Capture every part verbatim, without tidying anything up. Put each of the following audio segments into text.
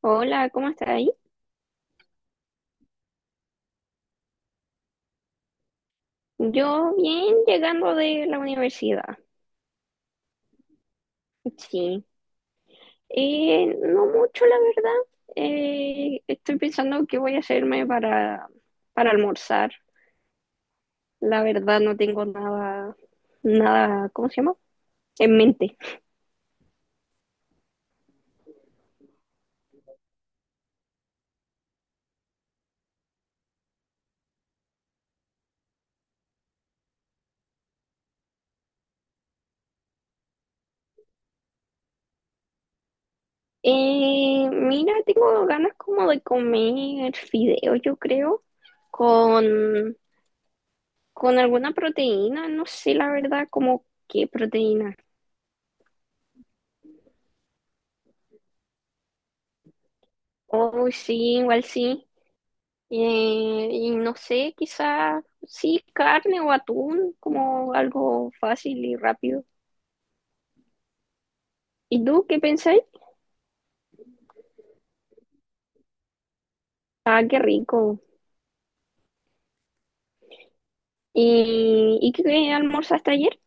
Hola, ¿cómo estás ahí? Yo bien llegando de la universidad. Sí. Eh, no mucho la verdad. Eh, estoy pensando qué voy a hacerme para, para almorzar. La verdad no tengo nada, nada, ¿cómo se llama? En mente. Eh, mira, tengo ganas como de comer fideo, yo creo, con, con alguna proteína. No sé la verdad como qué proteína. Oh, sí, igual sí. Eh, y no sé, quizás sí, carne o atún, como algo fácil y rápido. ¿Y tú qué pensáis? Ah, qué rico. ¿Y, y qué almorzaste ayer?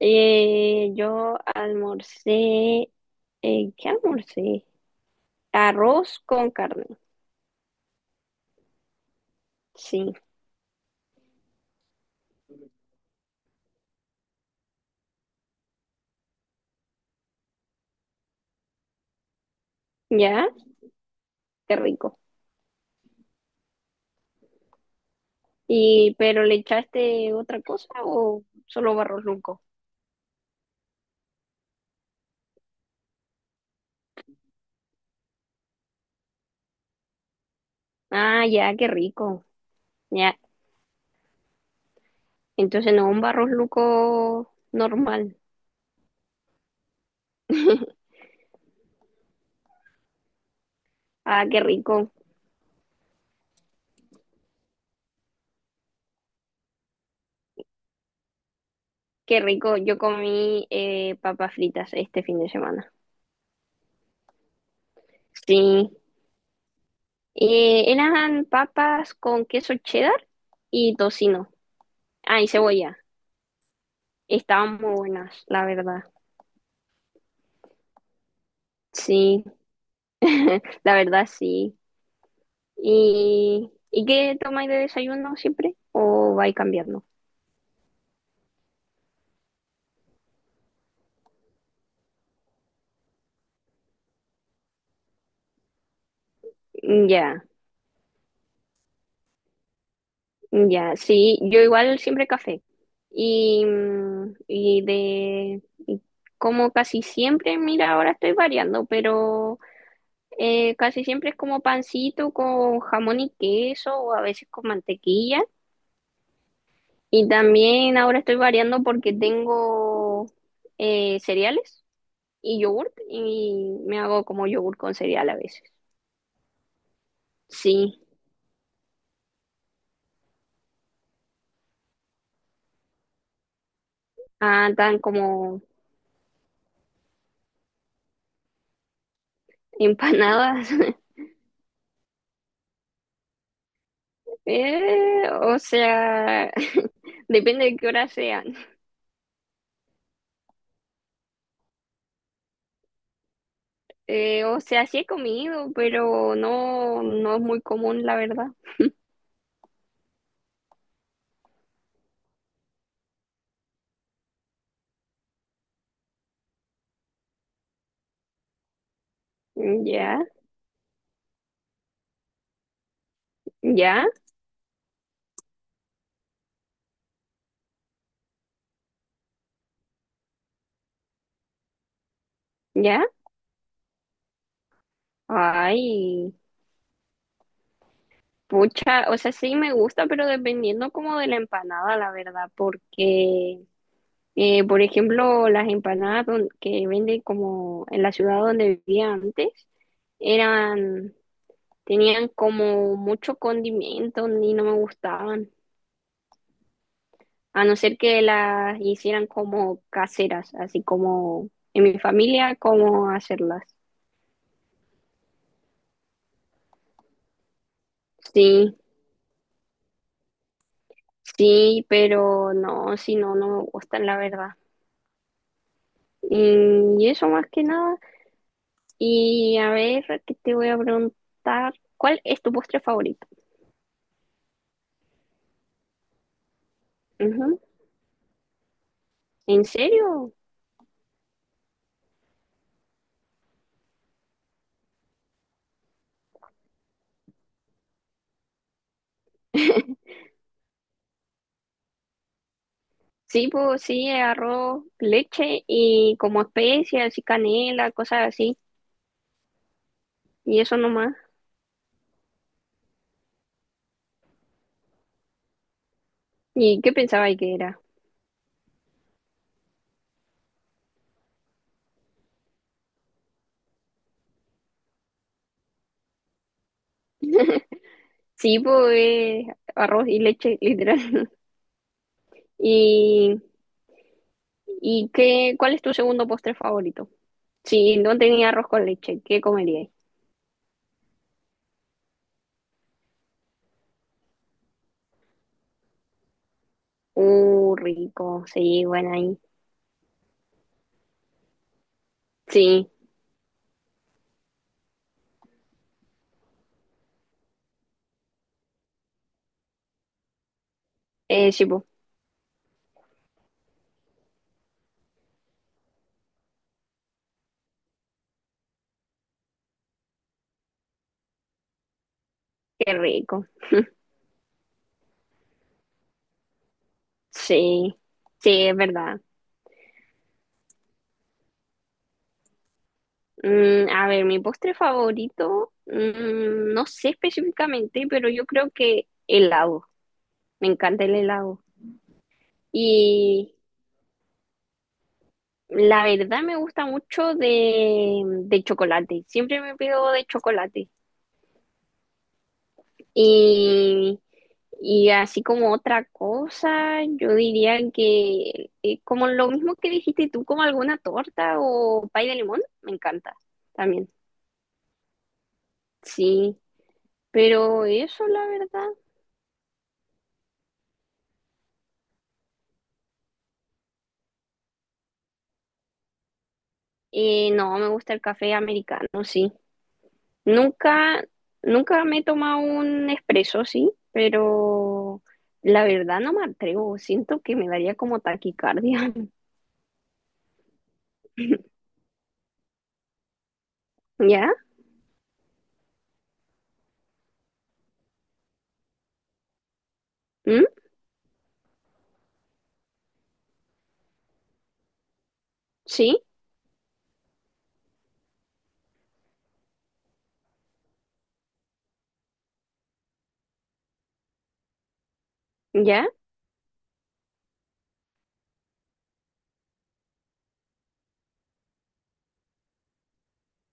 Eh, yo almorcé, eh, ¿qué almorcé? Arroz con carne, sí, ya, qué rico. ¿Y pero le echaste otra cosa o solo barrosluco? Ah, ya, qué rico, ya. Entonces no, un barrosluco normal. Ah, qué rico, qué rico. Yo comí eh, papas fritas este fin de semana. Sí. Eh, eran papas con queso cheddar y tocino. Ah, y cebolla. Estaban muy buenas, la verdad. Sí, la verdad sí. ¿Y, ¿y qué tomáis de desayuno siempre? ¿O vais cambiando? Ya, ya. Sí, yo igual siempre café. Y, mm, y de... y como casi siempre, mira, ahora estoy variando, pero... Eh, casi siempre es como pancito con jamón y queso o a veces con mantequilla. Y también ahora estoy variando porque tengo eh, cereales y yogurt y me hago como yogurt con cereal a veces. Sí, ah, tan como empanadas. Eh, o sea, depende de qué hora sean. Eh, o sea, sí he comido, pero no, no es muy común, la verdad. Ya, ya, ya. Ay. Pucha, o sea, sí me gusta, pero dependiendo como de la empanada, la verdad, porque, eh, por ejemplo, las empanadas don- que venden como en la ciudad donde vivía antes, eran, tenían como mucho condimento y no me gustaban, a no ser que las hicieran como caseras, así como en mi familia, como hacerlas. Sí, sí, pero no, si no, no me gustan, la verdad. Y y eso más que nada. Y a ver, ¿qué te voy a preguntar? ¿Cuál es tu postre favorito? Ujú. ¿En serio? Sí, pues sí, arroz, leche y como especias y canela, cosas así. Y eso nomás. ¿Y qué pensaba que era? Sí, pues eh, arroz y leche, literal. ¿Y, y qué, cuál es tu segundo postre favorito? Si no tenía arroz con leche, ¿qué comerías? Uh, rico, sí, bueno ahí. Sí, eh, sí, pues, qué rico. Sí, sí, es verdad. Mm, a ver, mi postre favorito, mm, no sé específicamente, pero yo creo que helado. Me encanta el helado. Y la verdad me gusta mucho de, de chocolate. Siempre me pido de chocolate. Y, y así como otra cosa, yo diría que eh, como lo mismo que dijiste tú, como alguna torta o pay de limón, me encanta también. Sí. Pero eso, la verdad, eh, no, me gusta el café americano, sí. Nunca, Nunca me he tomado un espresso, sí, pero la verdad no me atrevo. Siento que me daría como taquicardia. ¿Ya? ¿Mm? ¿Sí? ¿Ya?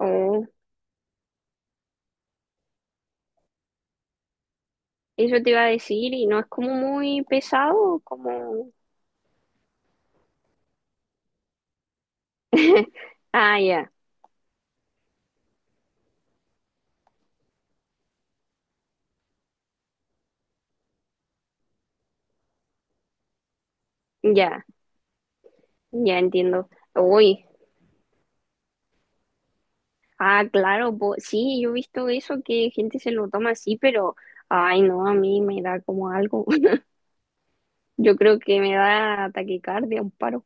Oh, eso te iba a decir y no es como muy pesado, como... Ah, ya, ya, ya entiendo. Uy. Ah, claro, po- sí, yo he visto eso que gente se lo toma así, pero ay, no, a mí me da como algo. Yo creo que me da taquicardia, un paro.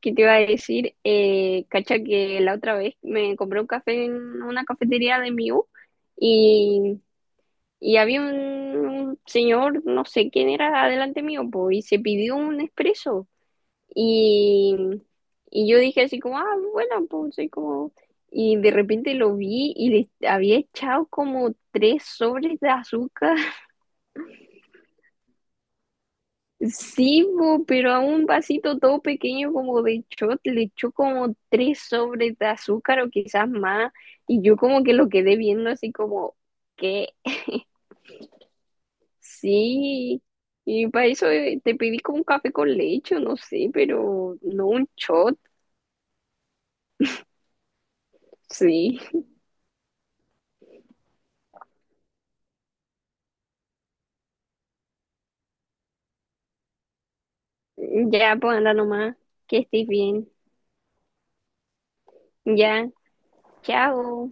¿Qué te iba a decir? Eh, cacha que la otra vez me compré un café en una cafetería de mi U y, y había un, un señor, no sé quién era, adelante mío, po, y se pidió un expreso. Y, y yo dije así como, ah, bueno, pues soy como... Y de repente lo vi y le había echado como tres sobres de azúcar. Sí, po, pero a un vasito todo pequeño como de shot le echó como tres sobres de azúcar o quizás más. Y yo como que lo quedé viendo así como, que sí. Y para eso eh, te pedí como un café con leche, o no sé, pero no un shot, sí. Ya, pues anda nomás, que estés bien. Ya, chao.